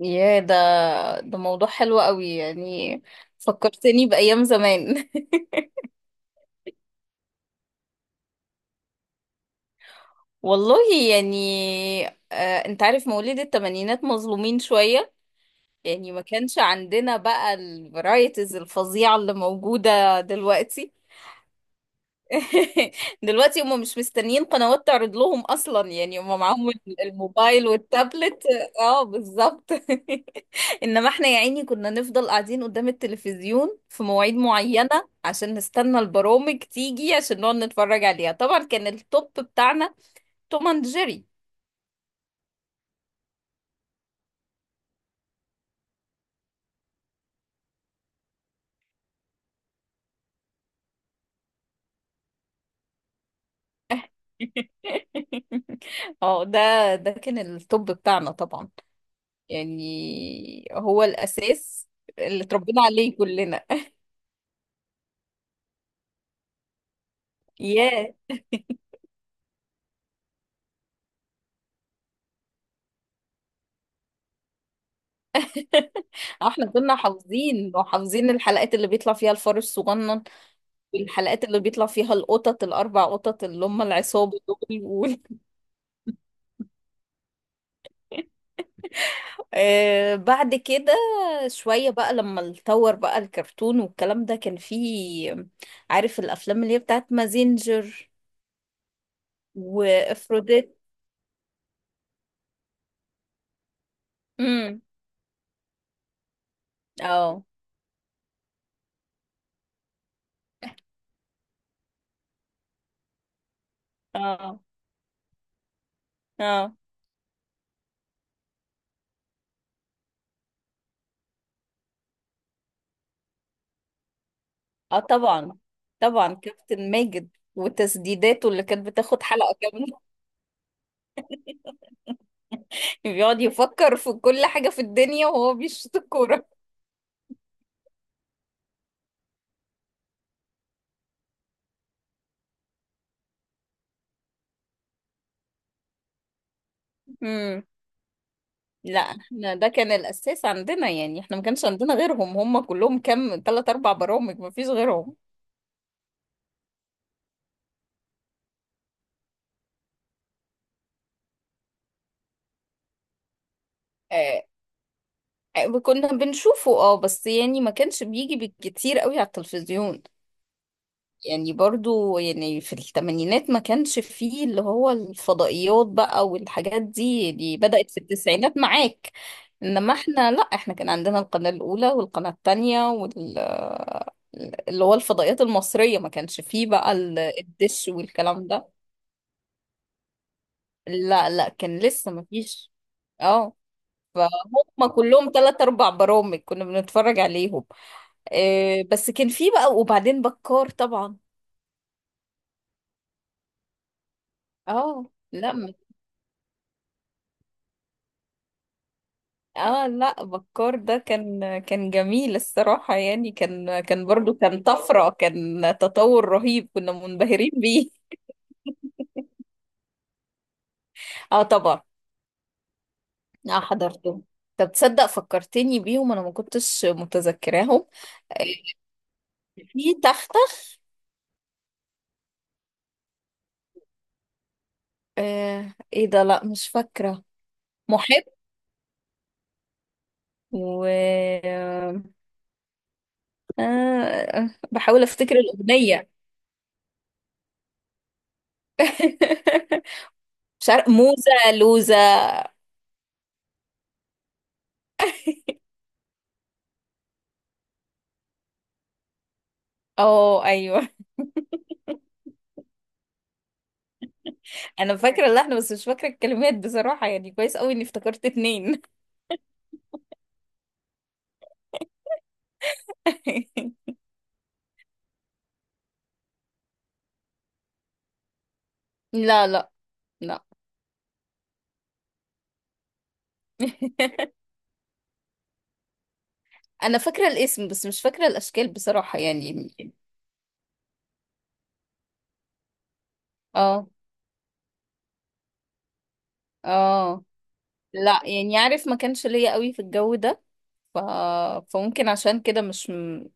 يا ده موضوع حلو قوي يعني. فكرتني بأيام زمان. والله يعني، آه انت عارف مواليد التمانينات مظلومين شوية. يعني ما كانش عندنا بقى الفرايتيز الفظيعة اللي موجودة دلوقتي. دلوقتي هم مش مستنيين قنوات تعرض لهم اصلا، يعني هم معاهم الموبايل والتابلت. اه، بالظبط. انما احنا يا عيني كنا نفضل قاعدين قدام التلفزيون في مواعيد معينة عشان نستنى البرامج تيجي، عشان نقعد نتفرج عليها. طبعا كان التوب بتاعنا توم اند جيري. اه، ده كان التوب بتاعنا طبعا، يعني هو الاساس اللي اتربينا عليه كلنا. ياه. اه احنا كنا حافظين وحافظين الحلقات اللي بيطلع فيها الفار الصغنن، والحلقات اللي بيطلع فيها القطط الاربع قطط اللي هم العصابه دول آه، بعد كده شويه بقى لما اتطور بقى الكرتون والكلام ده كان فيه، عارف، الافلام اللي هي بتاعت مازينجر وافروديت. امم، اه اه اه اه، طبعا. طبعا كابتن ماجد وتسديداته اللي كانت بتاخد حلقه كامله، بيقعد يفكر في كل حاجة في الدنيا وهو بيشوط الكورة. امم. لا احنا ده كان الأساس عندنا، يعني احنا ما كانش عندنا غيرهم، هم كلهم كام، تلات أربع برامج، ما فيش غيرهم. آه آه، كنا بنشوفه اه، بس يعني ما كانش بيجي بالكتير قوي على التلفزيون. يعني برضو يعني في الثمانينات ما كانش فيه اللي هو الفضائيات بقى، والحاجات دي بدأت في التسعينات معاك. انما احنا، لا احنا كان عندنا القناة الأولى والقناة التانية، اللي هو الفضائيات المصرية. ما كانش فيه بقى الدش والكلام ده. لا لا، كان لسه ما فيش. اه، فهم كلهم تلات أربع برامج كنا بنتفرج عليهم. آه بس كان فيه بقى وبعدين بكار طبعا. اه لا ما- اه لا، بكار ده كان جميل الصراحة، يعني كان برضو، كان طفرة، كان تطور رهيب كنا منبهرين بيه. اه طبعا. اه حضرته. طب تصدق فكرتني بيهم، انا ما كنتش متذكراهم. في تختخ. آه، ايه ده، لا مش فاكرة. محب و، آه، بحاول افتكر الأغنية. مش عارف موزة لوزة. اه ايوه، انا فاكرة اللحن بس مش فاكرة الكلمات بصراحة، يعني كويس قوي اني افتكرت اتنين. لا لا لا. انا فاكرة الاسم بس مش فاكرة الاشكال بصراحة يعني. اه اه، لا يعني عارف ما كانش ليا قوي في الجو ده، ف... فممكن عشان كده مش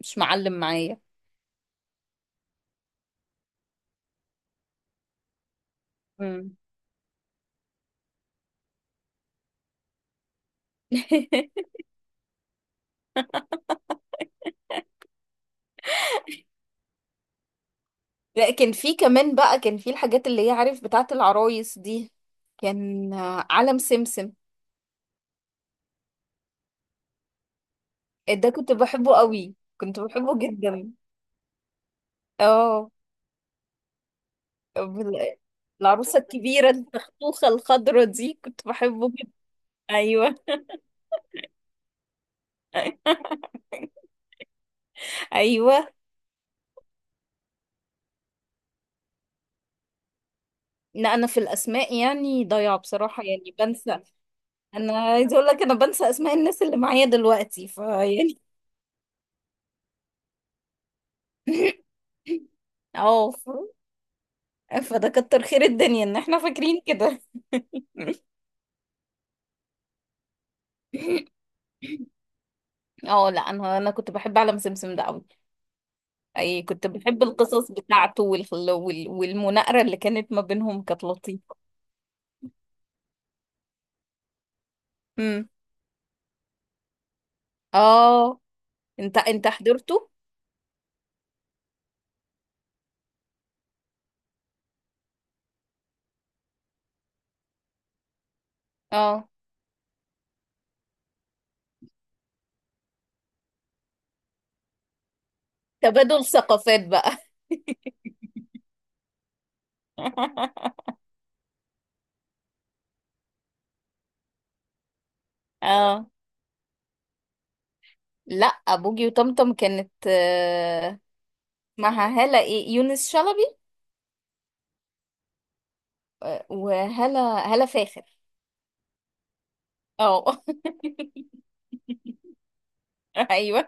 مش معلم معايا. مم. لا كان في كمان بقى، كان في الحاجات اللي هي عارف بتاعت العرايس دي، كان، آه، علم سمسم. ده كنت بحبه قوي، كنت بحبه جدا. اه، بال- العروسة الكبيرة التختوخة الخضرة دي كنت بحبه جدا. ايوه ايوه. لا انا في الاسماء يعني ضايعة بصراحة، يعني بنسى. انا عايزة اقول لك، انا بنسى اسماء الناس اللي معايا دلوقتي فيعني. اه، فده كتر خير الدنيا ان احنا فاكرين كده. اه لا، انا كنت بحب عالم سمسم ده قوي. اي كنت بحب القصص بتاعته والمناقره اللي كانت ما بينهم كانت لطيفه. امم. اه، انت حضرته. اه، تبادل ثقافات بقى. اه لا، بوجي وطمطم كانت، آه، معها هالة، ايه، يونس شلبي. آه، وهالة هالة فاخر. اه. ايوه.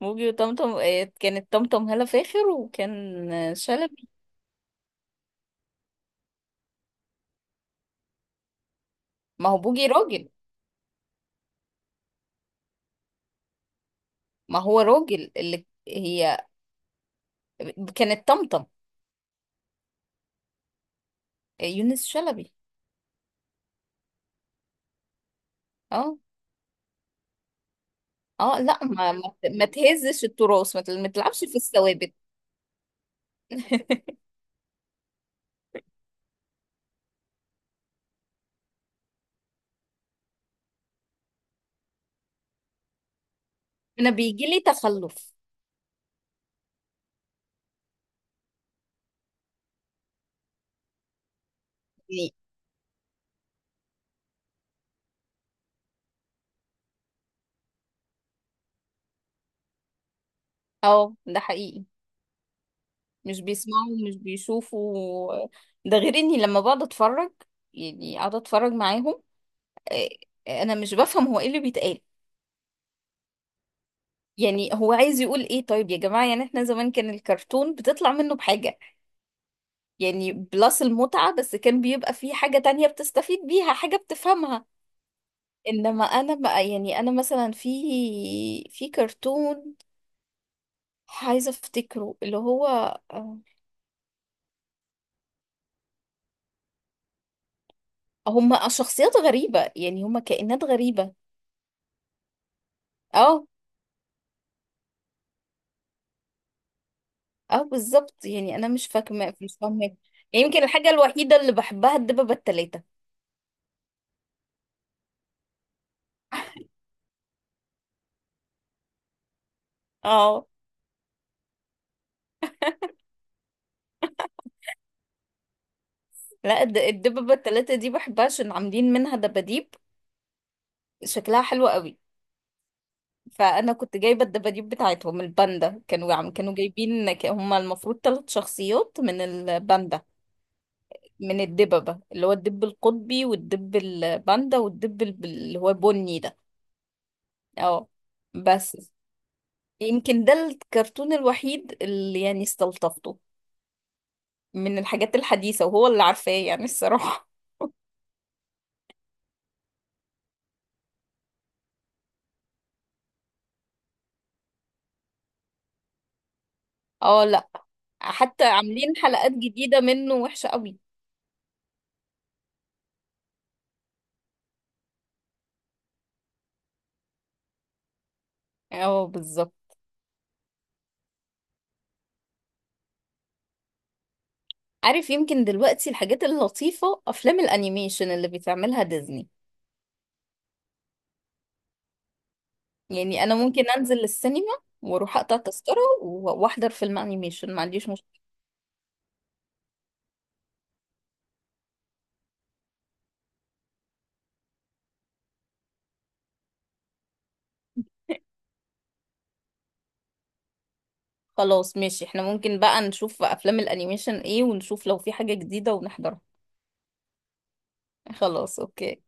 بوجي وطمطم، آه، كانت طمطم هالة فاخر، وكان، آه، شلبي. ما هو بوجي راجل. ما هو راجل اللي هي كانت طمطم. آه، يونس شلبي. اه اه، لا ما تهزش التراث، ما تلعبش في الثوابت. انا بيجي لي تخلف يعني. اه ده حقيقي. مش بيسمعوا مش بيشوفوا. ده غير اني لما بقعد اتفرج، يعني اقعد اتفرج معاهم. آه آه، انا مش بفهم هو ايه اللي بيتقال. يعني هو عايز يقول ايه؟ طيب يا جماعة، يعني احنا زمان كان الكرتون بتطلع منه بحاجة. يعني بلس المتعة، بس كان بيبقى فيه حاجة تانية بتستفيد بيها، حاجة بتفهمها. انما انا بقى، يعني انا مثلا في كرتون عايزة افتكره اللي هو، آه، هما شخصيات غريبة، يعني هما كائنات غريبة. اه اه بالظبط، يعني انا مش فاهمة يعني. يمكن الحاجة الوحيدة اللي بحبها الدببة التلاتة. اه لا، الدببة التلاتة دي بحبها عشان عاملين منها دباديب، شكلها حلو قوي. فانا كنت جايبه الدباديب بتاعتهم الباندا، كانوا جايبين، هما المفروض ثلاث شخصيات من الباندا، من الدببه، اللي هو الدب القطبي والدب الباندا والدب، اللي هو بني ده. اه بس، يمكن ده الكرتون الوحيد اللي يعني استلطفته من الحاجات الحديثه، وهو اللي عارفاه يعني الصراحه. اه لا، حتى عاملين حلقات جديده منه وحشه قوي. اه بالظبط. عارف، يمكن دلوقتي الحاجات اللطيفة أفلام الأنيميشن اللي بتعملها ديزني. يعني أنا ممكن أنزل السينما وأروح أقطع تذكرة وأحضر فيلم أنيميشن، ما عنديش مشكلة. خلاص ماشي، احنا ممكن بقى نشوف أفلام الأنيميشن إيه، ونشوف لو في حاجة جديدة ونحضرها. خلاص أوكي.